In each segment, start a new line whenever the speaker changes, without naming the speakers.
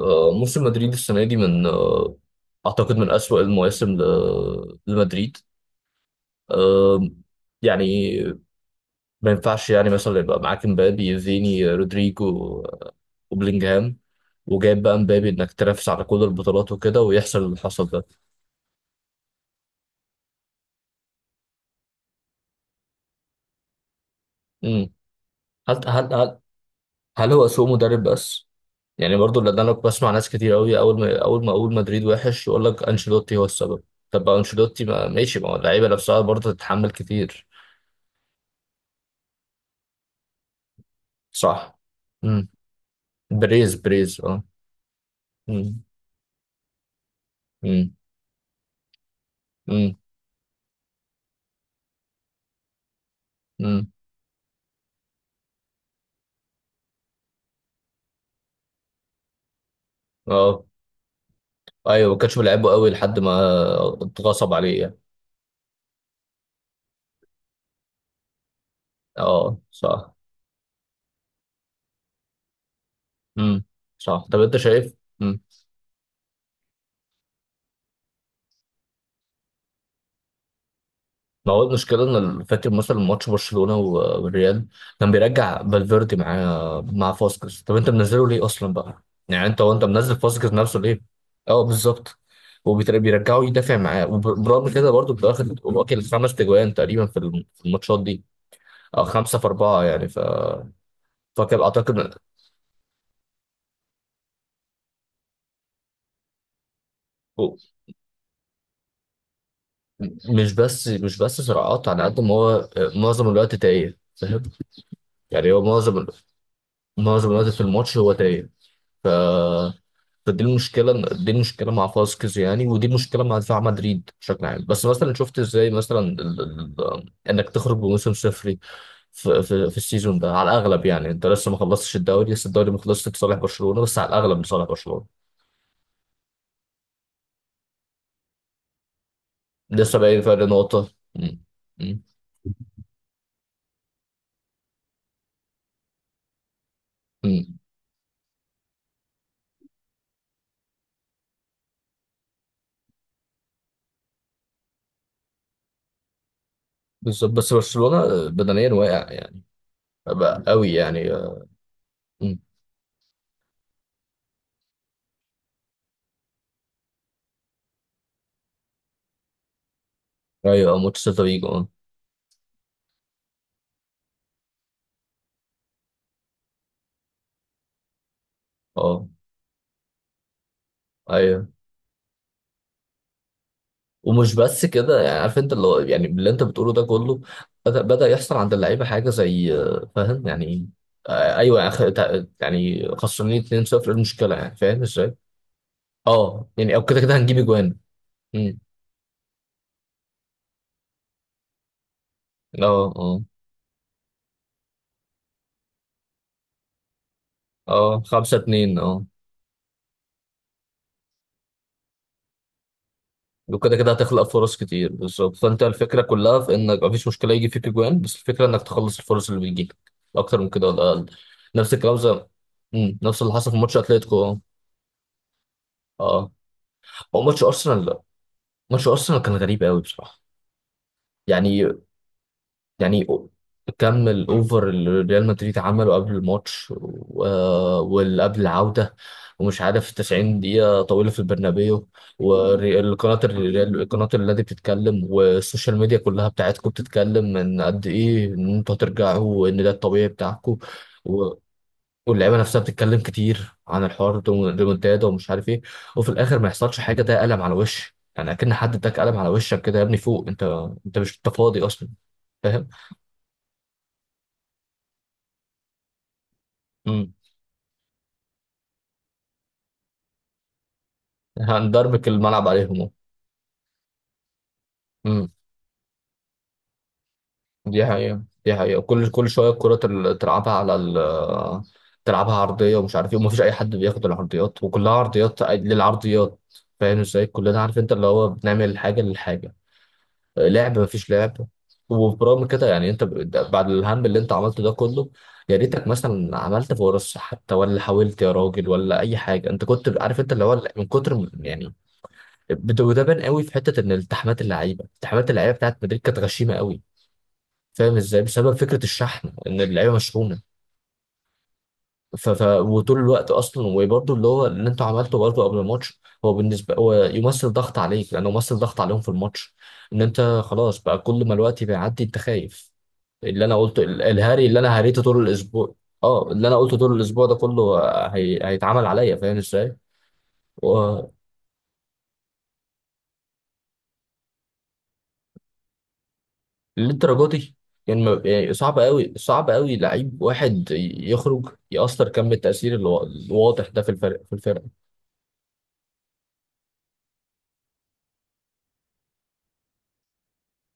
موسم مدريد السنة دي من أعتقد من أسوأ المواسم لمدريد. آه، يعني ما ينفعش يعني مثلا يبقى معاك مبابي فيني رودريجو وبلينجهام، وجايب بقى مبابي إنك تنافس على كل البطولات وكده ويحصل اللي حصل ده. مم. هل هل هل هل هو سوء مدرب بس؟ يعني برضو، لأن أنا بسمع ناس كتير أوي أول ما أقول مدريد وحش يقول لك أنشيلوتي هو السبب. طب ما أنشيلوتي، ما ماشي، ما هو اللعيبة نفسها برضه تتحمل كتير. صح. بريز اه. مم. مم. مم. مم. اه ايوه، ما كانش بيلعبه قوي لحد ما اتغصب عليه يعني. اه صح. مم. صح، طب انت شايف. مم. ما هو المشكله ان فاكر مثلا ماتش برشلونه والريال كان بيرجع فالفيردي معاه مع فاسكس، طب انت منزله ليه اصلا بقى؟ يعني انت وانت منزل فاسكس نفسه ليه؟ اه بالظبط. وبيرجعوا يدافع معاه، وبرغم كده برضه بياخد واكل خمس تجوان تقريبا في في الماتشات دي، او خمسه في اربعه يعني. فكر اعتقد. مش بس صراعات، على قد ما هو معظم الوقت دقايق فاهم يعني. هو معظم معظم الوقت في الماتش هو دقايق. ف فدي المشكله دي المشكله مع فاسكيز يعني، ودي المشكله مع دفاع مدريد بشكل عام. بس مثلا شفت ازاي مثلا انك تخرج بموسم صفري في السيزون ده على الاغلب. يعني انت لسه ما خلصتش الدوري، لسه الدوري ما خلصش لصالح برشلونه، بس على الاغلب لصالح برشلونه. لسه باقي فرق نقطه. م- م- بالظبط. بس برشلونة بدنيا واقع يعني، بقى قوي يعني مم. ايوه ماتش سيلتا فيجو اه. اه ايوه. ومش بس كده يعني، عارف انت اللي هو يعني اللي انت بتقوله ده كله بدأ يحصل عند اللعيبه حاجه زي فاهم يعني. ايوه يعني يعني خسرانين 2-0، إيه المشكله يعني فاهم ازاي؟ اه يعني، او كده كده هنجيب اجوان. مم. اه اه اه 5-2 اه. وكده كده هتخلق فرص كتير. بالظبط، فانت الفكره كلها في انك مفيش مشكله يجي فيك اجوان، بس الفكره انك تخلص الفرص اللي بتجيلك اكتر من كده ولا اقل. نفس الكلام زي، مم، نفس اللي حصل في ماتش اتلتيكو اه. اه. هو ماتش ارسنال لا، ماتش ارسنال كان غريب قوي بصراحه. يعني يعني كم الاوفر اللي ريال مدريد عمله قبل الماتش واللي قبل العوده، ومش عارف، 90 دقيقه طويله في البرنابيو، والقناه الريال قناه النادي بتتكلم، والسوشيال ميديا كلها بتاعتكم بتتكلم ان قد ايه ان انتوا هترجعوا وان ده الطبيعي بتاعكم. و- واللعيبه نفسها بتتكلم كتير عن الحوار الريمونتادا ومش عارف ايه. وفي الاخر ما يحصلش حاجه. ده قلم على وش يعني، اكن حد اداك قلم على وشك كده، يا ابني فوق انت، انت مش انت فاضي اصلا فاهم؟ هندربك الملعب عليهم. امم. دي حقيقة دي حقيقة، كل شوية الكرة تلعبها على تلعبها عرضية ومش عارف ايه، ومفيش أي حد بياخد العرضيات وكلها عرضيات للعرضيات. فاهم ازاي؟ كلنا عارف انت اللي هو بنعمل حاجة للحاجة. لعب مفيش لعب. وبرغم كده يعني انت بعد الهم اللي انت عملته ده كله، يا ريتك مثلا عملت فرص حتى، ولا حاولت يا راجل ولا اي حاجه. انت كنت عارف انت اللي هو من كتر يعني وده بان قوي في حته ان التحامات اللعيبه بتاعت مدريد كانت غشيمه قوي. فاهم ازاي؟ بسبب فكره الشحن ان اللعيبه مشحونه. وطول الوقت اصلا، وبرده اللي هو اللي انتوا عملته برده قبل الماتش، هو بالنسبه هو يمثل ضغط عليك لانه يمثل ضغط عليهم في الماتش، ان انت خلاص بقى كل ما الوقت بيعدي انت خايف اللي انا قلته، الهاري اللي انا هريته طول الاسبوع. اه اللي انا قلته طول الاسبوع ده كله هيتعمل عليا فاهم ازاي؟ للدرجه دي يعني يعني صعب قوي صعب قوي لعيب واحد يخرج يأثر كم التأثير الواضح ده في الفرق في الفرق.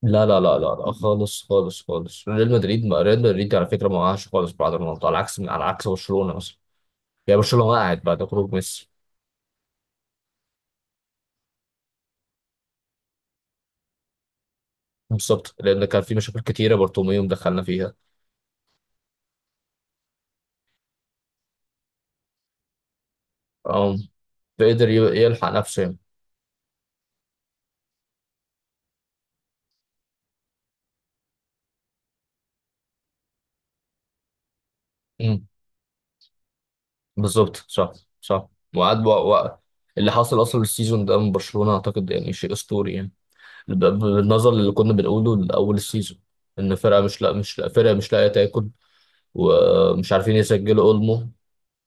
لا لا لا لا لا خالص خالص خالص، ريال مدريد، ما ريال مدريد على فكرة ما وقعش خالص بعد رونالدو، على عكس برشلونة مثلا. يعني برشلونة وقعت بعد خروج ميسي. بالظبط، لأن كان في مشاكل كتيرة بارتوميوم دخلنا فيها. أم. فقدر يلحق نفسه يعني. أمم، بالظبط صح. صح. وقعد بقى- بقى- اللي حصل أصلا السيزون ده من برشلونة أعتقد يعني شيء أسطوري يعني. ب- بالنظر اللي كنا بنقوله لأول السيزون، إن فرقة مش لا مش لا فرقة مش لاقية تاكل، ومش عارفين يسجلوا أولمو.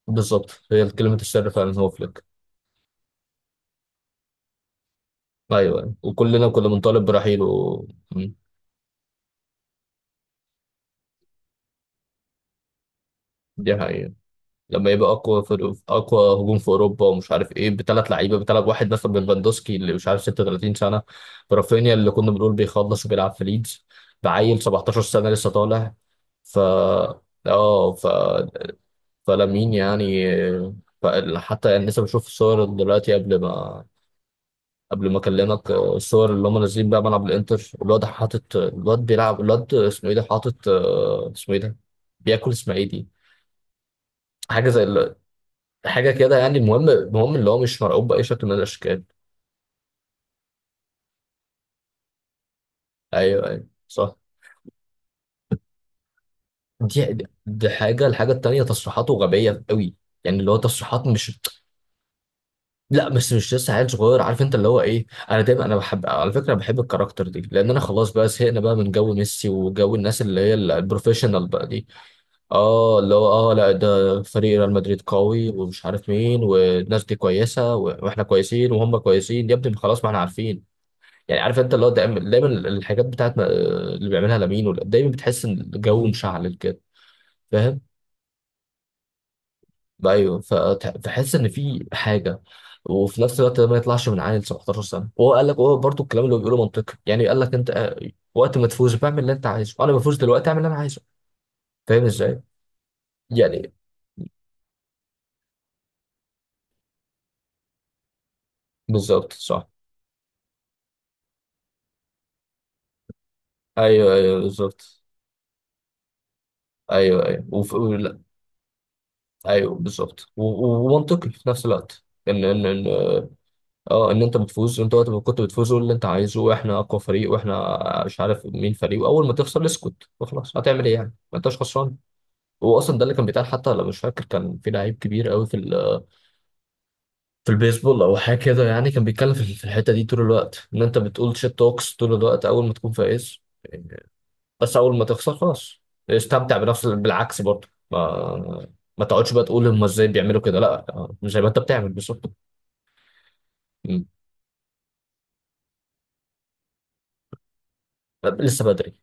بالظبط، هي كلمة السر فعلا هو فليك. أيوه أيوة، وكلنا كنا بنطالب برحيله. مم. دي حقيقة. لما يبقى أقوى فرق أقوى هجوم في أوروبا ومش عارف إيه، بثلاث لعيبة، بثلاث واحد مثلا من فاندوسكي اللي مش عارف 36 سنة، برافينيا اللي كنا بنقول بيخلص وبيلعب في ليدز، بعيل 17 سنة لسه طالع. ف اه فلامين يعني، حتى يعني لسه بشوف الصور دلوقتي قبل ما اكلمك، الصور اللي هم نازلين بقى ملعب الانتر، الواد حاطط، الواد بيلعب، الواد اسمه ايه ده حاطط اسمه ايه ده، بياكل اسماعيلي، حاجه زي حاجه كده يعني. المهم، المهم اللي هو مش مرعوب باي شكل من الاشكال. ايوه ايوه صح. دي دي حاجه، الحاجه التانيه تصريحاته غبيه قوي يعني، اللي هو تصريحات مش. لا، بس مش لسه عيل صغير، عارف انت اللي هو ايه، انا دايما انا بحب على فكره، بحب الكاركتر دي، لان انا خلاص بقى زهقنا بقى من جو ميسي وجو الناس اللي هي البروفيشنال بقى دي. اه اللي هو اه، لا ده فريق ريال مدريد قوي ومش عارف مين، والناس دي كويسه واحنا كويسين وهم كويسين يا ابني، ما خلاص ما احنا عارفين. يعني عارف انت اللي هو دايما دايما الحاجات بتاعت اللي بيعملها لامين دايما بتحس ان الجو مشعل كده فاهم. ايوه فتحس ان في حاجه، وفي نفس الوقت ده ما يطلعش من عيل 17 سنه، وهو قال لك، هو برضه الكلام اللي هو بيقوله منطقي يعني. قال لك انت وقت ما تفوز بعمل اللي انت عايزه، انا بفوز دلوقتي اعمل اللي انا عايزه، فاهم ازاي؟ يعني بالظبط صح. ايوه ايوه بالظبط. ايوه ايوه لا. ايوه بالظبط، ومنطقي في نفس الوقت، ان اه ان انت بتفوز انت، وقت ما كنت بتفوز قول اللي انت عايزه، واحنا اقوى فريق واحنا مش عارف مين فريق، واول ما تخسر اسكت وخلاص، هتعمل ايه يعني ما انتش خسران. هو اصلا ده اللي كان بيتقال، حتى لو مش فاكر كان في لعيب كبير قوي في في البيسبول او حاجه كده يعني، كان بيتكلم في الحته دي طول الوقت ان انت بتقول شيت توكس طول الوقت اول ما تكون فايز، بس اول ما تخسر خلاص استمتع بنفس بالعكس برضه ما تقعدش بقى تقول هم ازاي بيعملوا كده، لا، مش زي ما انت بتعمل بالظبط. مم. لسه بدري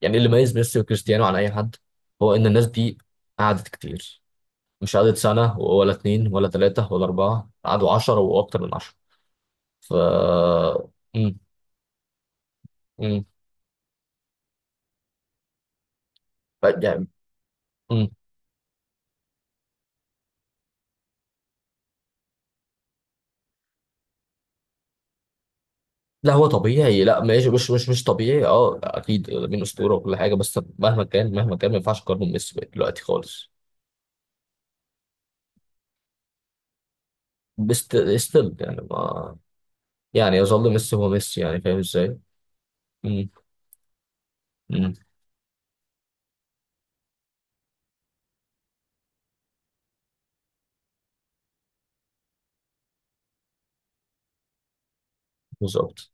يعني، اللي ميز ميسي وكريستيانو عن اي حد هو ان الناس دي قعدت كتير، مش قعدت سنه ولا اتنين ولا تلاته ولا اربعه، قعدوا عشرة واكتر من عشرة. ف إمم. امم. يعني، امم. لا هو طبيعي، لا ماشي، مش طبيعي، اه اكيد لامين اسطوره وكل حاجه، بس مهما كان ما ينفعش اقارنه بميسي دلوقتي خالص. بس ستيل يعني ما يعني يظل ميسي هو ميسي يعني فاهم ازاي؟ امم. امم. بالظبط.